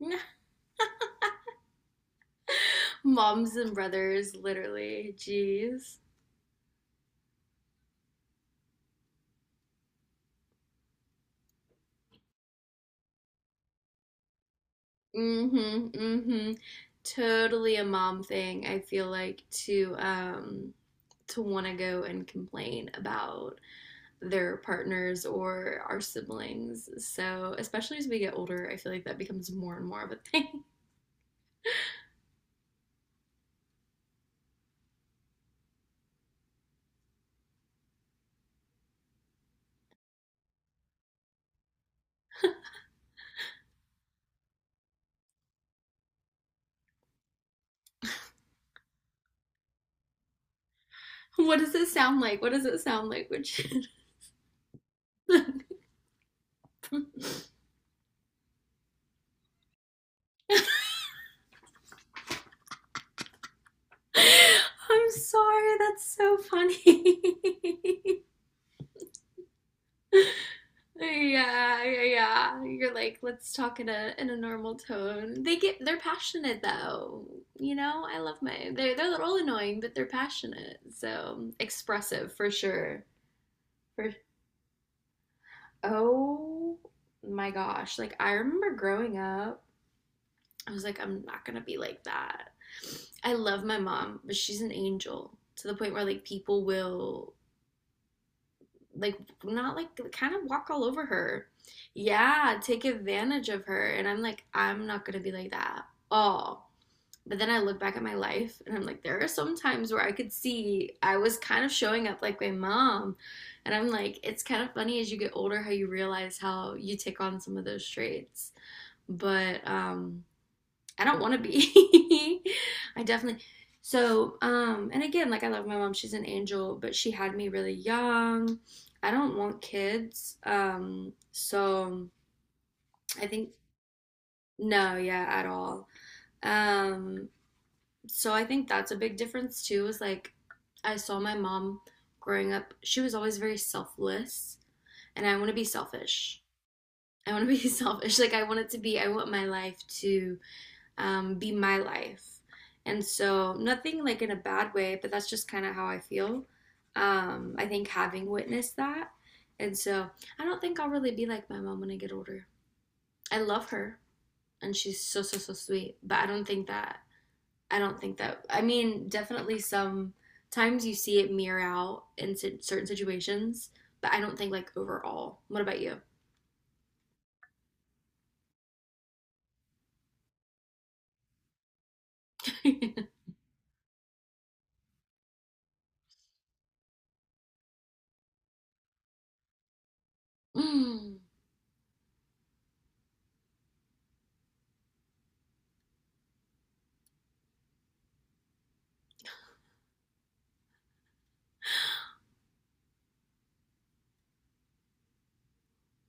Moms and brothers, literally. Jeez. Mm-hmm. Mm-hmm. Totally a mom thing, I feel like, to to want to go and complain about their partners or our siblings. So, especially as we get older, I feel like that becomes more and more of a thing. What does it sound like? What does it sound like? Which I'm sorry, that's so funny. Yeah, yeah, yeah. You're like, let's talk in a normal tone. They're passionate though. You know, I love my they're a little annoying, but they're passionate. So expressive for sure. For oh my gosh. Like I remember growing up, I was like, I'm not gonna be like that. I love my mom, but she's an angel to the point where like people will like not like kind of walk all over her. Yeah, take advantage of her. And I'm like, I'm not gonna be like that. Oh. But then I look back at my life and I'm like, there are some times where I could see I was kind of showing up like my mom. And I'm like, it's kind of funny as you get older how you realize how you take on some of those traits. But I don't want to be. I definitely. So, and again, like I love my mom, she's an angel, but she had me really young. I don't want kids. So I think no, yeah, at all. Um, so I think that's a big difference too, is like I saw my mom growing up, she was always very selfless, and I want to be selfish. I want to be selfish. I want my life to be my life. And so, nothing like in a bad way, but that's just kind of how I feel. I think having witnessed that. And so, I don't think I'll really be like my mom when I get older. I love her and she's so, so, so sweet, but I don't think that, I mean, definitely sometimes you see it mirror out in certain situations, but I don't think like overall. What about you? mm,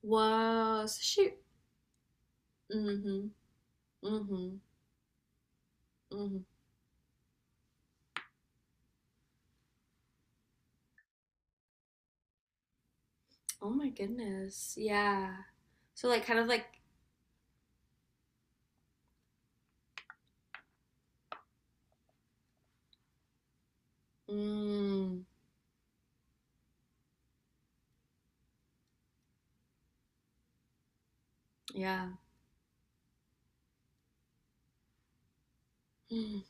was shoot. Mm hmm. Mm hmm. Mm hmm. Oh my goodness. Yeah. So like kind of like mm, yeah. Mm.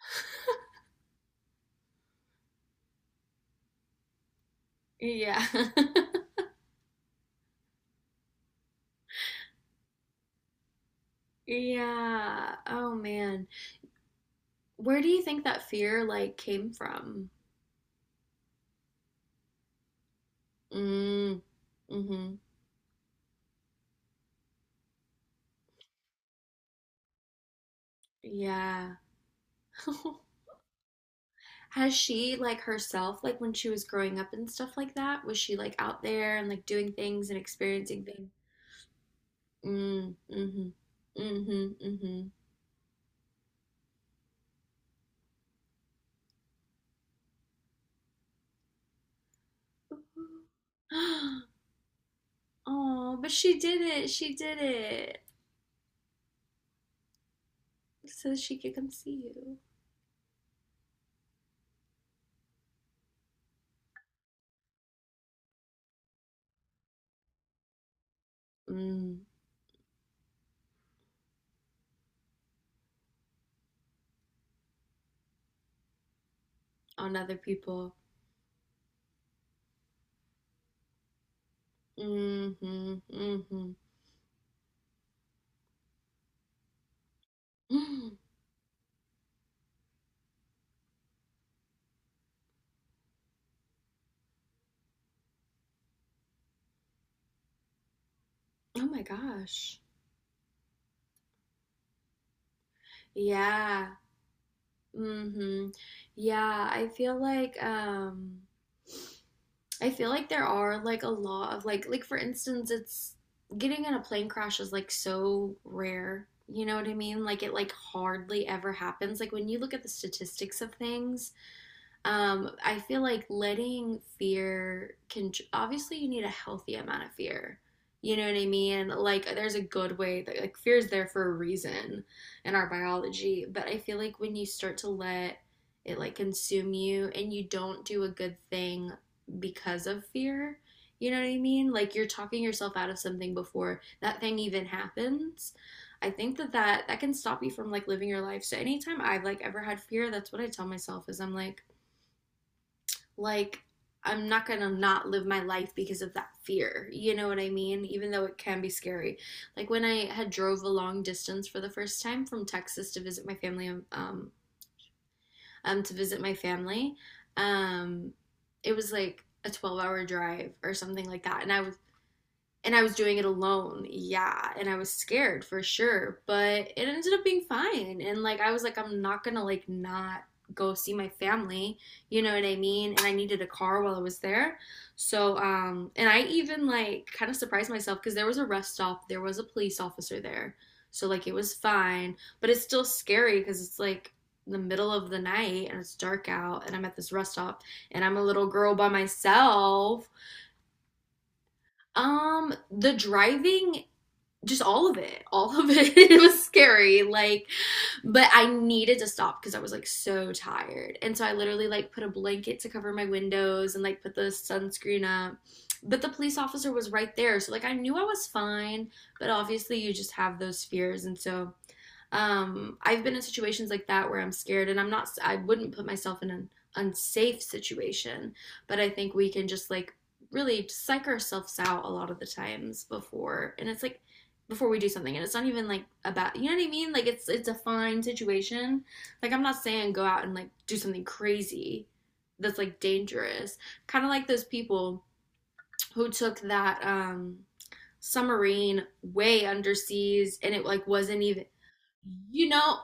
yeah. yeah. Oh man. Where do you think that fear like came from? Mm. Mhm. Yeah. Has she like herself like when she was growing up and stuff like that? Was she like out there and like doing things and experiencing things? Mm, mhm. Mhm. Mhm. Oh, but she did it. She did it so she could come see you. Mm, on other people. Mm-hmm. Mm-hmm. Mm. Oh my gosh. Yeah. Mm-hmm. Yeah, I feel like there are like a lot of like for instance it's getting in a plane crash is like so rare. You know what I mean? Like it like hardly ever happens. Like when you look at the statistics of things, um, I feel like letting fear can obviously you need a healthy amount of fear. You know what I mean? Like there's a good way that like fear is there for a reason in our biology, but I feel like when you start to let it like consume you and you don't do a good thing because of fear, you know what I mean? Like you're talking yourself out of something before that thing even happens. I think that can stop you from like living your life. So anytime I've like ever had fear, that's what I tell myself is I'm like I'm not gonna not live my life because of that fear. You know what I mean? Even though it can be scary. Like when I had drove a long distance for the first time from Texas to visit my family, to visit my family, um, it was like a 12-hour drive or something like that, and I was doing it alone. Yeah, and I was scared for sure, but it ended up being fine. And like I was like I'm not going to like not go see my family, you know what I mean? And I needed a car while I was there. So and I even like kind of surprised myself cuz there was a rest stop, there was a police officer there. So like it was fine, but it's still scary cuz it's like the middle of the night and it's dark out and I'm at this rest stop and I'm a little girl by myself. The driving just all of it, all of it. It was scary, like, but I needed to stop because I was like so tired. And so I literally like put a blanket to cover my windows and like put the sunscreen up. But the police officer was right there. So like I knew I was fine, but obviously you just have those fears. And so I've been in situations like that where I'm scared, and I'm not. I wouldn't put myself in an unsafe situation, but I think we can just like really psych ourselves out a lot of the times before, and it's like before we do something, and it's not even like about you know what I mean. Like it's a fine situation. Like I'm not saying go out and like do something crazy that's like dangerous. Kind of like those people who took that submarine way underseas and it like wasn't even you know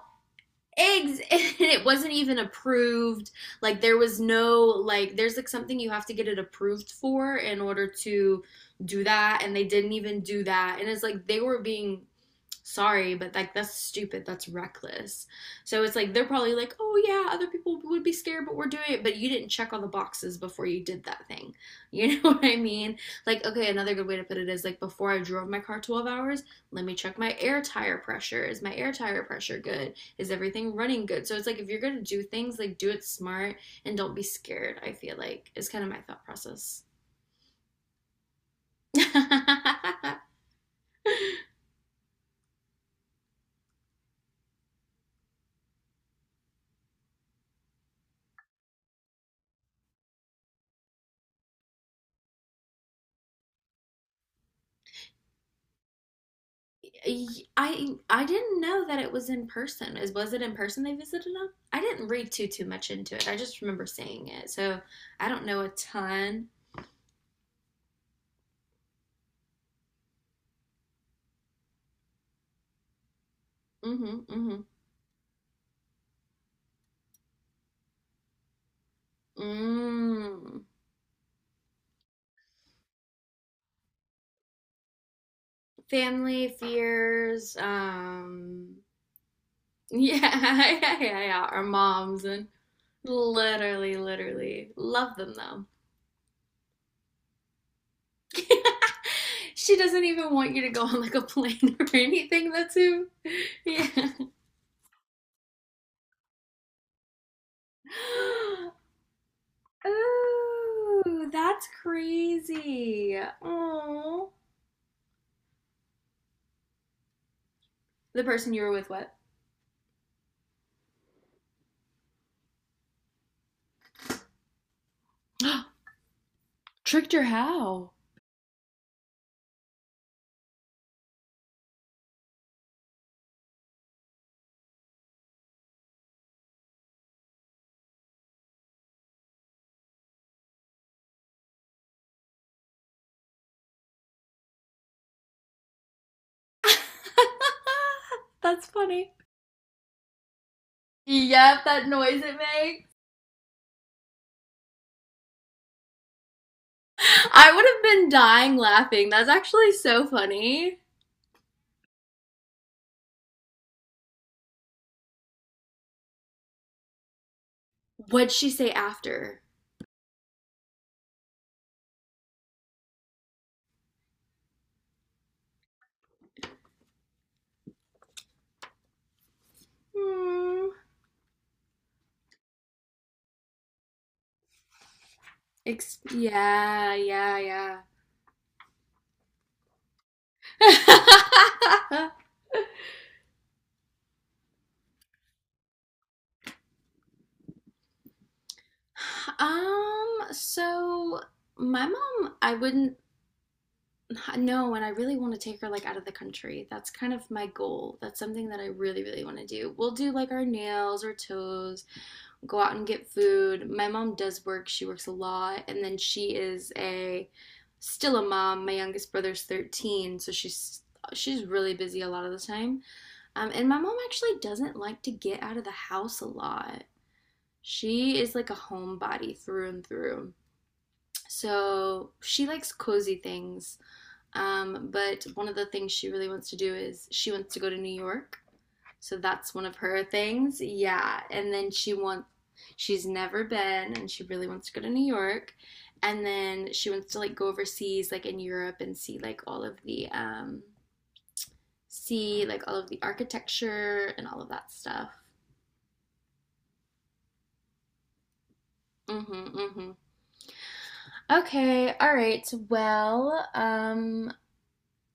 eggs and it wasn't even approved like there was no like there's like something you have to get it approved for in order to do that and they didn't even do that and it's like they were being sorry, but like that's stupid. That's reckless. So it's like they're probably like, oh yeah, other people would be scared, but we're doing it. But you didn't check all the boxes before you did that thing. You know what I mean? Like, okay, another good way to put it is like before I drove my car 12 hours, let me check my air tire pressure. Is my air tire pressure good? Is everything running good? So it's like if you're gonna do things, like do it smart and don't be scared. I feel like is kind of my thought process. I didn't know that it was in person. Is was it in person they visited them? I didn't read too much into it. I just remember seeing it. So I don't know a ton. Mhm. Mhm. Mm. Family fears. Yeah. Yeah. Yeah. yeah. Our moms and literally, literally love them though. she doesn't even want you to go on like a plane or anything. That's who. Yeah. Ooh, that's crazy. Aww, the person you were with, what? Tricked her how? that's funny. Yep, that noise it makes. I would have been dying laughing. That's actually so funny. What'd she say after? Hmm. Yeah, yeah, yeah. um, so my mom, I wouldn't. No, and I really want to take her like out of the country. That's kind of my goal. That's something that I really, really want to do. We'll do like our nails or toes, go out and get food. My mom does work, she works a lot, and then she is a still a mom. My youngest brother's 13, so she's really busy a lot of the time. And my mom actually doesn't like to get out of the house a lot. She is like a homebody through and through. So she likes cozy things but one of the things she really wants to do is she wants to go to New York. So that's one of her things. Yeah. And then she wants she's never been and she really wants to go to New York. And then she wants to like go overseas like in Europe and see like all of the see like all of the architecture and all of that stuff. Mhm. Mhm. Okay. All right. Well,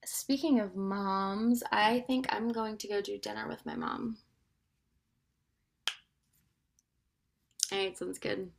speaking of moms, I think I'm going to go do dinner with my mom. All right, sounds good.